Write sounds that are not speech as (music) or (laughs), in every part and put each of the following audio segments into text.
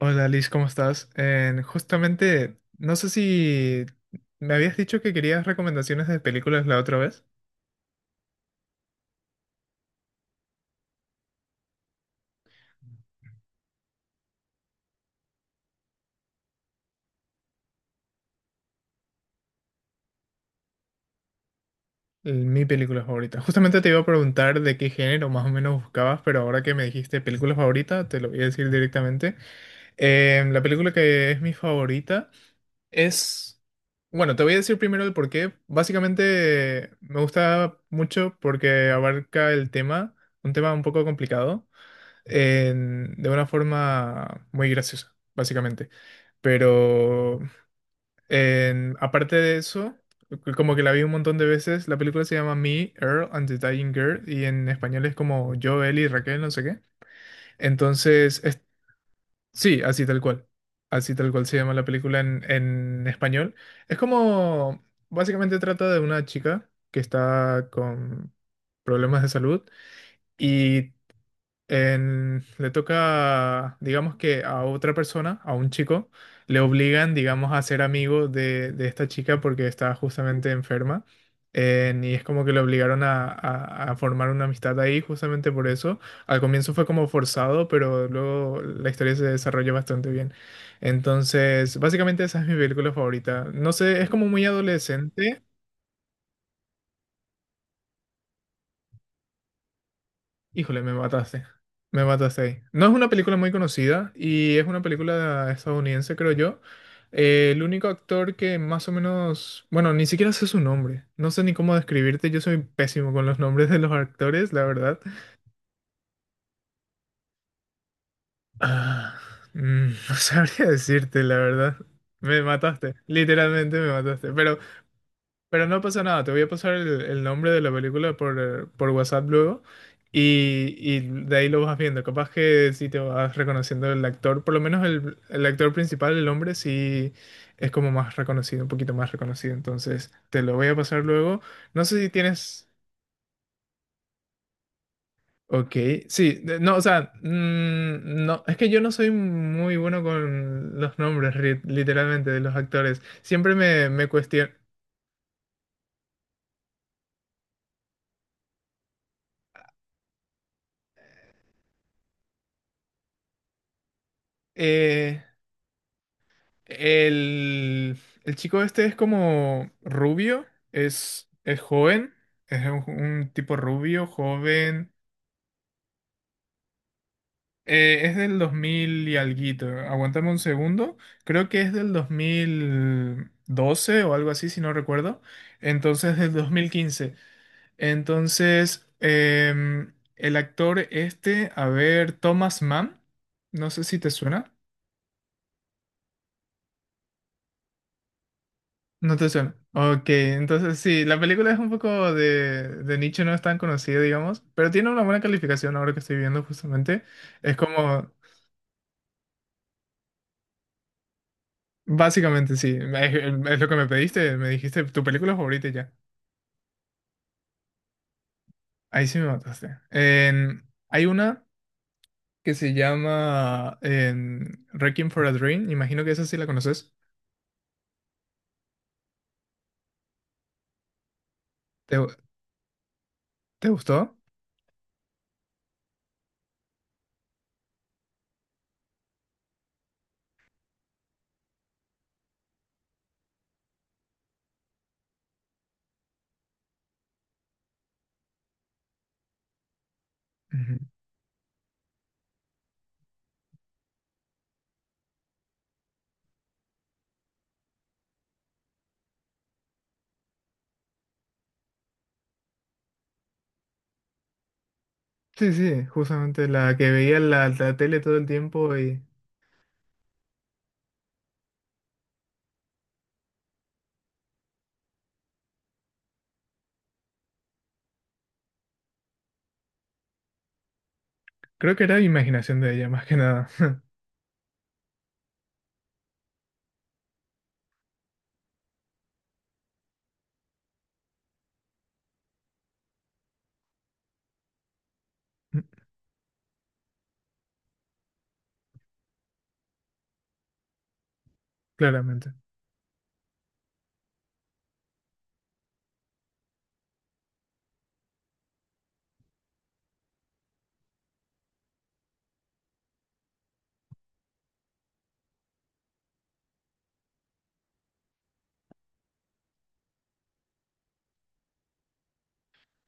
Hola Liz, ¿cómo estás? Justamente, no sé si me habías dicho que querías recomendaciones de películas la otra vez. Mi película favorita. Justamente te iba a preguntar de qué género más o menos buscabas, pero ahora que me dijiste película favorita, te lo voy a decir directamente. La película que es mi favorita es... Bueno, te voy a decir primero el por qué. Básicamente me gusta mucho porque abarca el tema un poco complicado de una forma muy graciosa, básicamente. Pero aparte de eso, como que la vi un montón de veces. La película se llama Me, Earl and the Dying Girl y en español es como Yo, él y Raquel, no sé qué. Entonces, sí, así tal cual. Así tal cual se llama la película en español. Es como, básicamente trata de una chica que está con problemas de salud. Y le toca, digamos que a otra persona, a un chico, le obligan, digamos, a ser amigo de esta chica porque está justamente enferma. Y es como que le obligaron a formar una amistad ahí justamente por eso. Al comienzo fue como forzado, pero luego la historia se desarrolla bastante bien. Entonces, básicamente esa es mi película favorita. No sé, es como muy adolescente. Híjole, me mataste. Me mataste ahí. No es una película muy conocida y es una película estadounidense, creo yo. El único actor que más o menos, bueno, ni siquiera sé su nombre. No sé ni cómo describirte. Yo soy pésimo con los nombres de los actores, la verdad. Ah, mm, (laughs) no sabría decirte, la verdad. Me mataste. Literalmente me mataste. Pero no pasa nada, te voy a pasar el nombre de la película por WhatsApp luego y de ahí lo vas viendo. Capaz que si te vas reconociendo el actor, por lo menos el actor principal, el hombre, sí es como más reconocido, un poquito más reconocido. Entonces te lo voy a pasar luego. No sé si tienes... Ok, sí, no, o sea, mm, no, es que yo no soy muy bueno con los nombres, literalmente, de los actores. Siempre me cuestiono. eh, El, el chico este es como rubio, es joven, es un tipo rubio, joven. Es del 2000 y alguito. Aguántame un segundo. Creo que es del 2012 o algo así, si no recuerdo. Entonces, del dos mil quince. Entonces, el actor este, a ver, Thomas Mann, no sé si te suena. No te suena. Ok, entonces sí, la película es un poco de nicho, no es tan conocida, digamos, pero tiene una buena calificación ahora que estoy viendo justamente. Es como, básicamente sí, es lo que me pediste, me dijiste tu película favorita y ya. Ahí sí me mataste. Hay una que se llama Requiem for a Dream, imagino que esa sí la conoces. ¿Te, ¿te gustó? Ujú. Sí, sí, justamente la que veía en la tele todo el tiempo y creo que era imaginación de ella más que nada. (laughs) Claramente.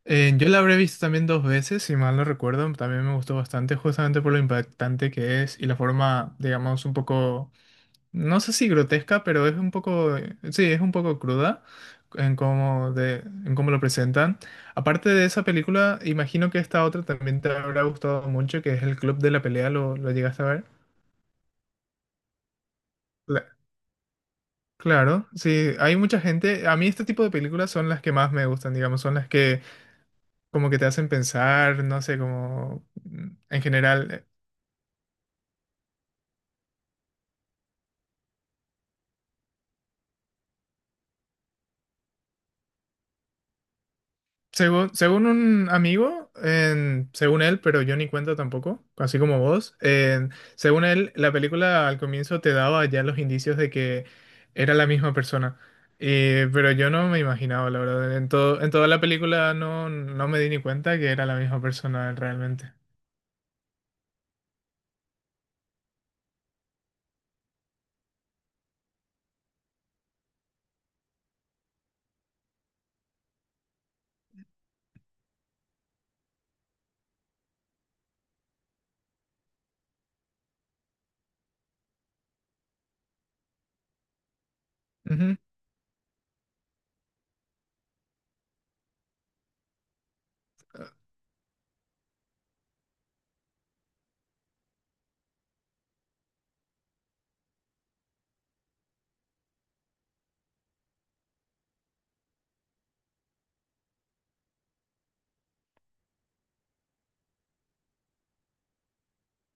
Yo la habré visto también dos veces, si mal no recuerdo. También me gustó bastante, justamente por lo impactante que es y la forma, digamos, un poco, no sé si grotesca, pero es un poco, sí, es un poco cruda en en cómo lo presentan. Aparte de esa película, imagino que esta otra también te habrá gustado mucho, que es El Club de la Pelea, lo llegaste a ver? Cla- Claro, sí, hay mucha gente. A mí este tipo de películas son las que más me gustan, digamos, son las que como que te hacen pensar, no sé, como en general. Según, según un amigo, según él, pero yo ni cuenta tampoco, así como vos, según él, la película al comienzo te daba ya los indicios de que era la misma persona. Pero yo no me imaginaba, la verdad. En todo, en toda la película no, no me di ni cuenta que era la misma persona realmente.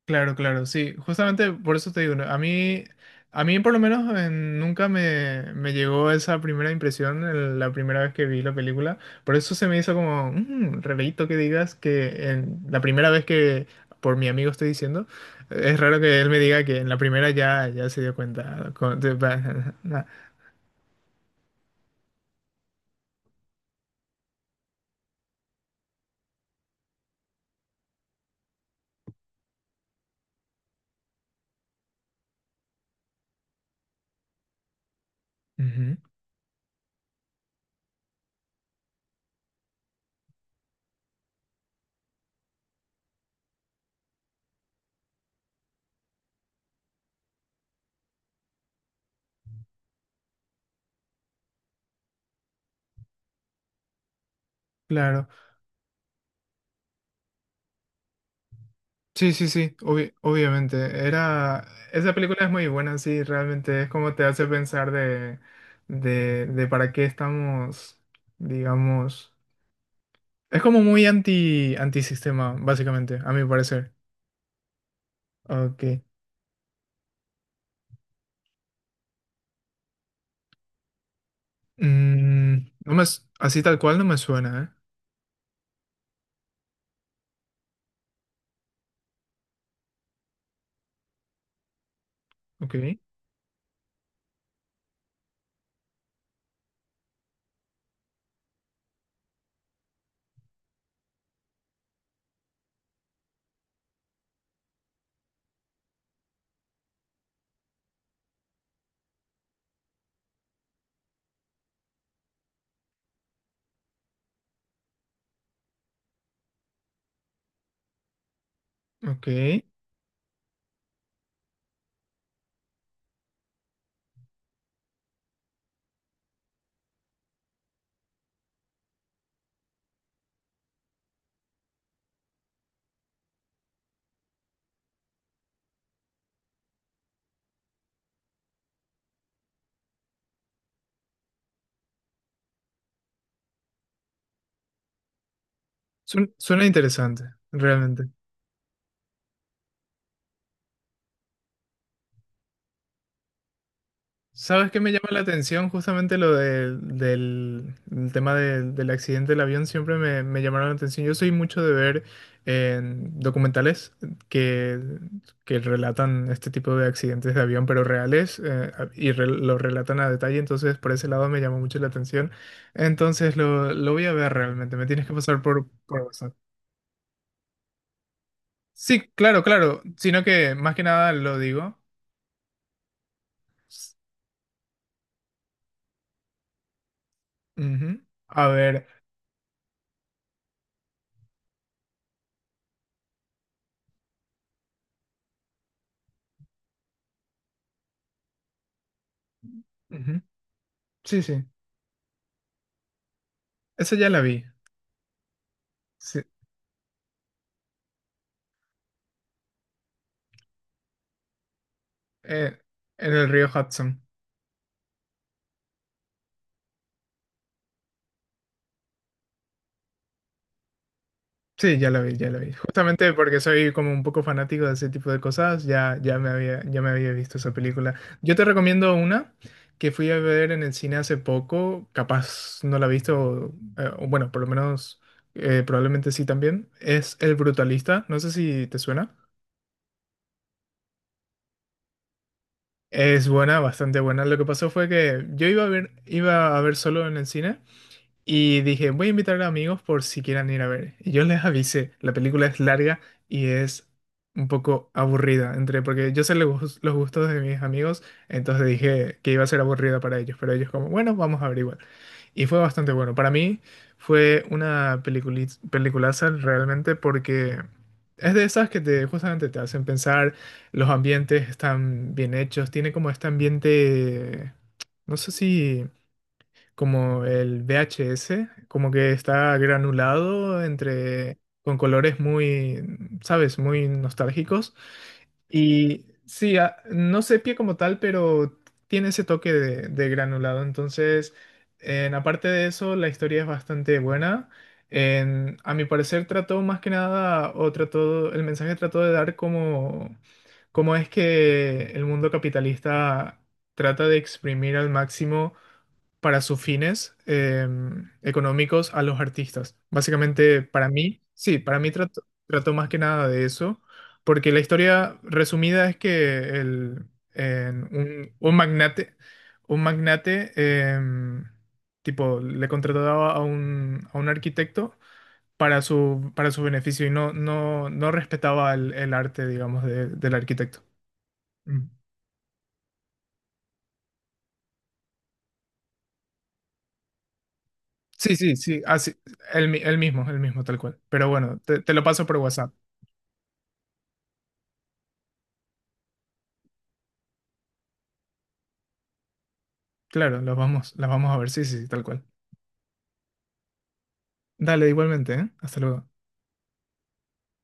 Claro, claro, sí, justamente por eso te digo, ¿no? A mí por lo menos nunca me llegó esa primera impresión la primera vez que vi la película, por eso se me hizo como un rarito que digas que en la primera vez que, por mi amigo estoy diciendo, es raro que él me diga que en la primera ya, ya se dio cuenta. (laughs) Ujú. Claro. Sí, sí, sí, obviamente. Era, esa película es muy buena, sí, realmente es como te hace pensar de para qué estamos, digamos. Es como muy antisistema, básicamente, a mi parecer. Ok. Mm, no me, así tal cual no me suena, ¿eh? Ok, ok. Suena, suena interesante, realmente. ¿Sabes qué me llama la atención? Justamente lo el tema del accidente del avión siempre me llamaron la atención. Yo soy mucho de ver en documentales que, que relatan este tipo de accidentes de avión, pero reales, lo relatan a detalle, entonces por ese lado me llamó mucho la atención. Entonces lo voy a ver realmente, me tienes que pasar por WhatsApp. Sí, claro, claro, sino que más que nada lo digo. Ujú. A ver, ujú. Sí, sí, esa ya la vi. Sí, eh, en el río Hudson. Sí, ya lo vi, ya lo vi. Justamente porque soy como un poco fanático de ese tipo de cosas, ya, ya me había visto esa película. Yo te recomiendo una que fui a ver en el cine hace poco, capaz no la has visto, o bueno, por lo menos probablemente sí también. Es El Brutalista, no sé si te suena. Es buena, bastante buena. Lo que pasó fue que yo iba a ver solo en el cine. Y dije, voy a invitar a amigos por si quieran ir a ver. Y yo les avisé, la película es larga y es un poco aburrida, entre, porque yo sé los los gustos de mis amigos, entonces dije que iba a ser aburrida para ellos, pero ellos como, bueno, vamos a ver igual. Y fue bastante bueno. Para mí fue una peliculaza realmente porque es de esas que te justamente te hacen pensar, los ambientes están bien hechos, tiene como este ambiente, no sé si como el VHS, como que está granulado entre con colores muy, sabes, muy nostálgicos. Y sí, a- no sepia como tal, pero tiene ese toque de granulado. Entonces, en, aparte de eso, la historia es bastante buena. A mi parecer trató más que nada, o trató, el mensaje trató de dar como cómo es que el mundo capitalista trata de exprimir al máximo para sus fines económicos a los artistas. Básicamente, para mí, sí, para mí trato trató más que nada de eso, porque la historia resumida es que en un magnate, em, tipo, le contrataba a un arquitecto para su beneficio y no, no, no respetaba el arte, digamos, del arquitecto. Mm. Sí, sí, sí, así, el mismo, tal cual. Pero bueno, te te lo paso por WhatsApp. Claro, las vamos a ver, sí, sí, sí, tal cual. Dale, igualmente, ¿eh? Hasta luego.